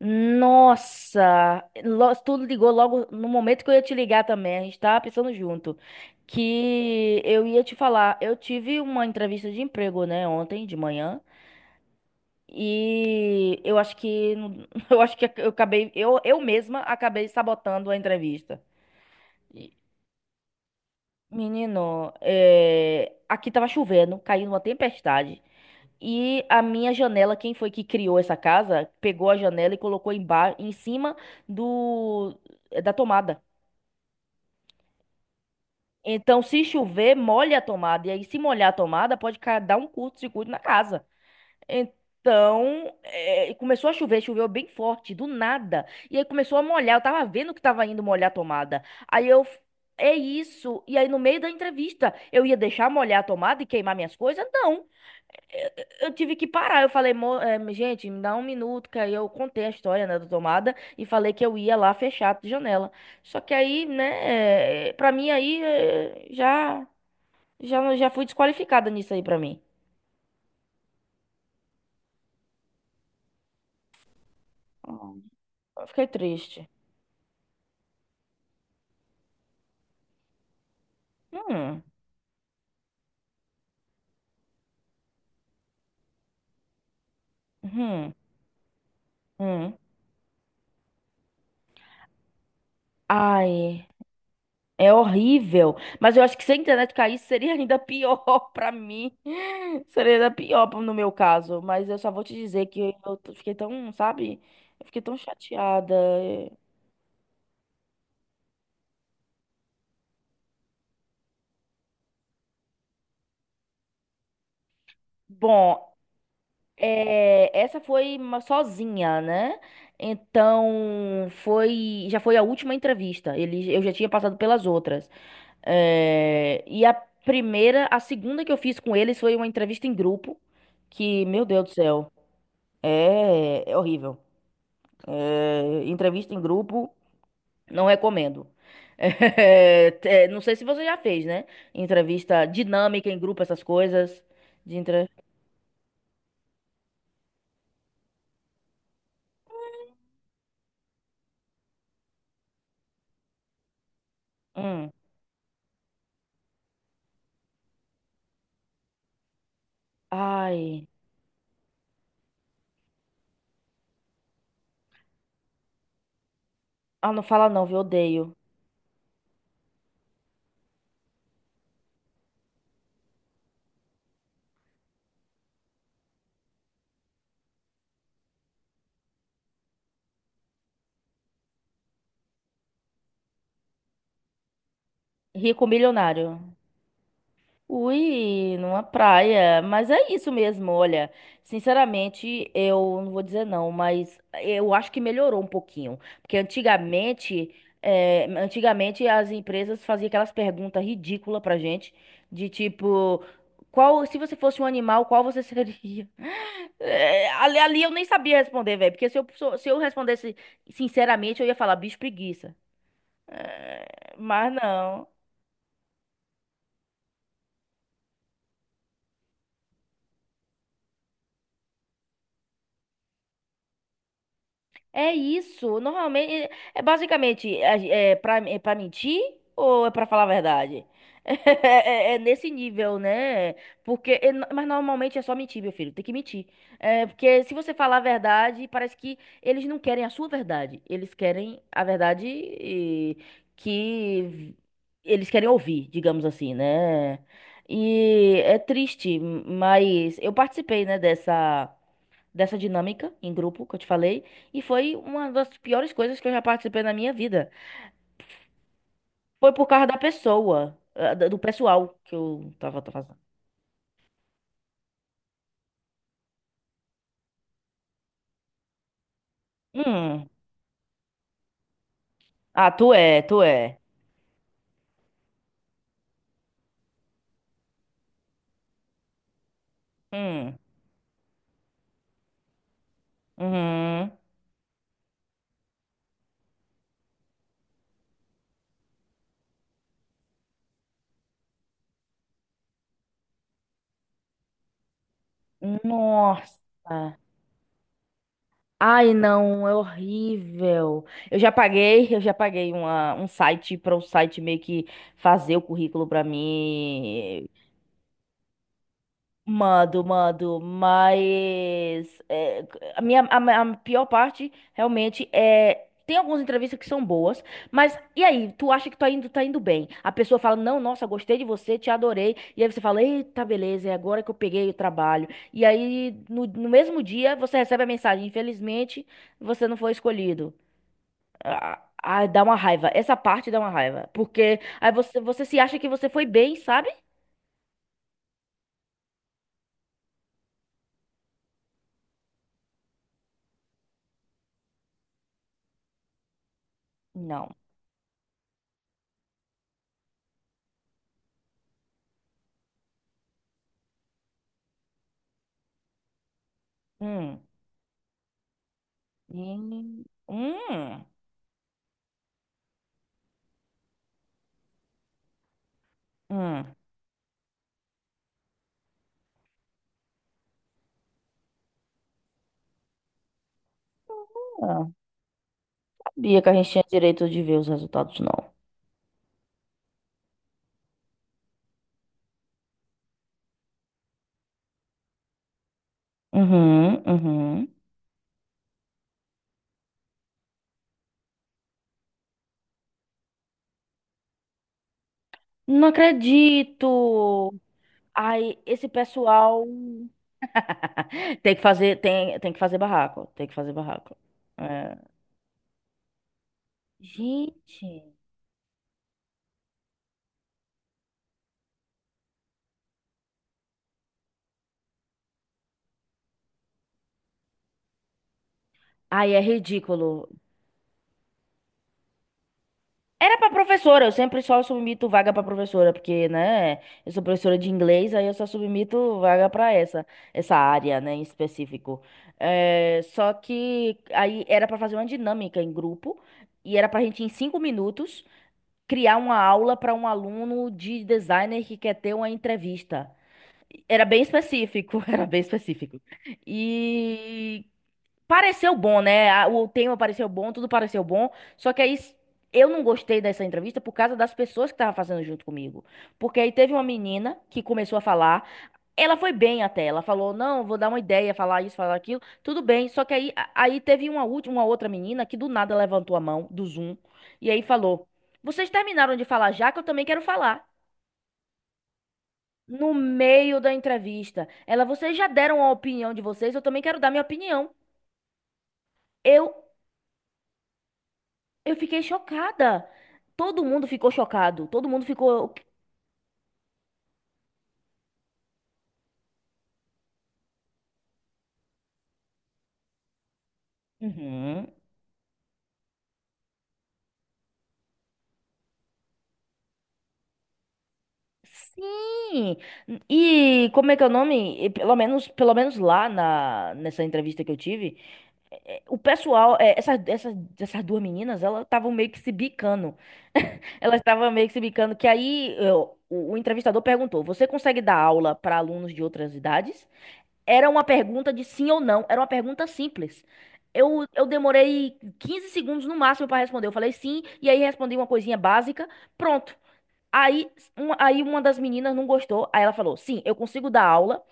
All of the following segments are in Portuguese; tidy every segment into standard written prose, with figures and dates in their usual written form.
Nossa, tu ligou logo no momento que eu ia te ligar também. A gente tava pensando junto que eu ia te falar. Eu tive uma entrevista de emprego, né, ontem de manhã. E eu acho que eu acho que eu acabei eu mesma acabei sabotando a entrevista. E, Menino, é, aqui tava chovendo, caindo uma tempestade. E a minha janela, quem foi que criou essa casa, pegou a janela e colocou embaixo, em cima do da tomada. Então, se chover, molha a tomada. E aí, se molhar a tomada, pode dar um curto-circuito na casa. Então, começou a chover, choveu bem forte, do nada. E aí começou a molhar. Eu tava vendo que tava indo molhar a tomada. É isso. E aí, no meio da entrevista, eu ia deixar molhar a tomada e queimar minhas coisas? Não. Eu tive que parar. Eu falei, gente, me dá um minuto", que aí eu contei a história, né, da tomada e falei que eu ia lá fechar a janela. Só que aí, né, pra mim aí já já fui desqualificada nisso aí pra mim. Eu fiquei triste. Hum, hum, hum. Ai, é horrível. Mas eu acho que se a internet caísse seria ainda pior pra mim. Seria ainda pior no meu caso, mas eu só vou te dizer que fiquei tão, sabe? Eu fiquei tão chateada. Bom, é, essa foi uma sozinha, né? Então foi, já foi a última entrevista. Ele, eu já tinha passado pelas outras. É, e a primeira, a segunda que eu fiz com eles foi uma entrevista em grupo, que, meu Deus do céu, é, é horrível. É, entrevista em grupo, não recomendo. Não sei se você já fez, né? Entrevista dinâmica em grupo, essas coisas. De entre... Hum. Ai. Ah, não fala não, viu? Odeio. Rico milionário. Ui, numa praia. Mas é isso mesmo, olha. Sinceramente, eu não vou dizer não, mas eu acho que melhorou um pouquinho. Porque antigamente, antigamente as empresas faziam aquelas perguntas ridículas pra gente, de tipo, qual, se você fosse um animal, qual você seria? É, ali eu nem sabia responder, velho. Porque se eu respondesse sinceramente, eu ia falar bicho preguiça. Mas não. É isso. Normalmente, é para mentir ou é para falar a verdade? É nesse nível, né? Porque, é no- mas normalmente é só mentir, meu filho. Tem que mentir. É, porque se você falar a verdade, parece que eles não querem a sua verdade. Eles querem a verdade eh, que eles querem ouvir, digamos assim, né? E é triste, mas eu participei, né, dessa dinâmica em grupo que eu te falei, e foi uma das piores coisas que eu já participei na minha vida. Foi por causa da pessoa, do pessoal que eu tava fazendo. Hum. Ah, tu é, tu é. Hum. Uhum. Nossa. Ai, não, é horrível. Eu já paguei uma, um site para o site meio que fazer o currículo para mim. Mando, mando, mas é, a minha a, ma- a pior parte realmente é tem algumas entrevistas que são boas, mas e aí, tu acha que tá indo bem? A pessoa fala: "Não, nossa, gostei de você, te adorei". E aí você fala: "Eita, beleza, é agora que eu peguei o trabalho". E aí no mesmo dia você recebe a mensagem: "Infelizmente, você não foi escolhido". Ah, ah, dá uma raiva. Essa parte dá uma raiva, porque aí você se acha que você foi bem, sabe? Não. Hum. Hum, hum. hum. Ah, sabia que a gente tinha direito de ver os resultados, não. Uhum, uhum. Não acredito! Ai, esse pessoal tem que fazer, tem que fazer barraco, tem que fazer barraco. É. Gente, ai, é ridículo. Era pra professora, eu sempre só submito vaga pra professora, porque, né, eu sou professora de inglês, aí eu só submito vaga pra essa, essa área, né, em específico. É, só que aí era pra fazer uma dinâmica em grupo, e era pra gente, em 5 minutos, criar uma aula pra um aluno de designer que quer ter uma entrevista. Era bem específico, era bem específico. E Pareceu bom, né? O tema pareceu bom, tudo pareceu bom. Só que aí s- eu não gostei dessa entrevista por causa das pessoas que estavam fazendo junto comigo. Porque aí teve uma menina que começou a falar. Ela foi bem até. Ela falou: "Não, vou dar uma ideia, falar isso, falar aquilo". Tudo bem. Só que aí, aí teve uma última, uma outra menina que do nada levantou a mão do Zoom e aí falou: "Vocês terminaram de falar já que eu também quero falar. No meio da entrevista, ela, vocês já deram a opinião de vocês, eu também quero dar minha opinião". Eu Eu fiquei chocada. Todo mundo ficou chocado. Todo mundo ficou. Uhum. Sim. E como é que é o nome? E pelo menos, pelo menos lá na, nessa entrevista que eu tive, o pessoal, essas duas meninas, elas estavam meio que se bicando. Elas estavam meio que se bicando. Que o entrevistador perguntou: "Você consegue dar aula para alunos de outras idades?" Era uma pergunta de sim ou não, era uma pergunta simples. Eu demorei 15 segundos no máximo para responder. Eu falei sim, e aí respondi uma coisinha básica, pronto. Aí, uma das meninas não gostou, aí ela falou: "Sim, eu consigo dar aula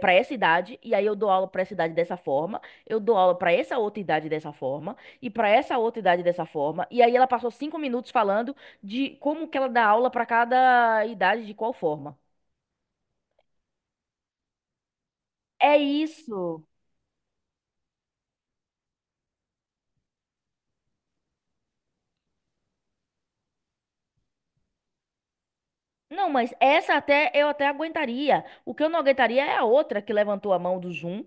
para essa idade, e aí eu dou aula para essa idade dessa forma, eu dou aula para essa outra idade dessa forma, e para essa outra idade dessa forma". E aí ela passou 5 minutos falando de como que ela dá aula para cada idade, de qual forma. É isso. Não, mas essa até eu até aguentaria. O que eu não aguentaria é a outra que levantou a mão do Zoom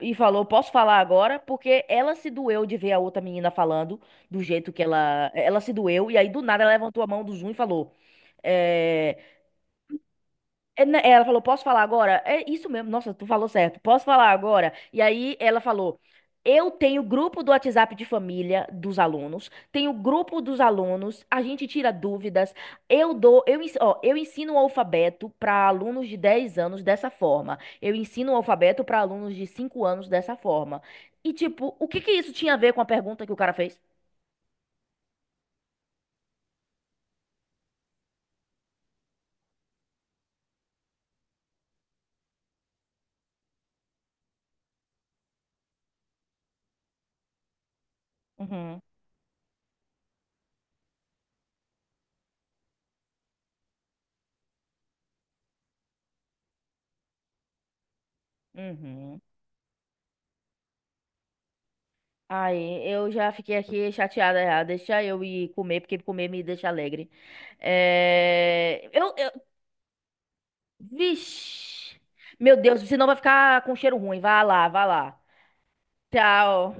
e falou: "Posso falar agora?" Porque ela se doeu de ver a outra menina falando do jeito que ela se doeu e aí do nada ela levantou a mão do Zoom e falou: eh, Ela falou: "Posso falar agora?" É isso mesmo, nossa, tu falou certo. "Posso falar agora?" E aí ela falou: "Eu tenho grupo do WhatsApp de família dos alunos, tenho grupo dos alunos, a gente tira dúvidas, eu dou, eu ensino o alfabeto para alunos de 10 anos dessa forma, eu ensino o alfabeto para alunos de 5 anos dessa forma". E tipo, o que que isso tinha a ver com a pergunta que o cara fez? Uhum, uhum. Aí, eu já fiquei aqui chateada já. Deixa eu ir comer, porque comer me deixa alegre. É... Eu, eu... Vixe! Meu Deus, senão vai ficar com cheiro ruim. Vá lá, vá lá. Tchau.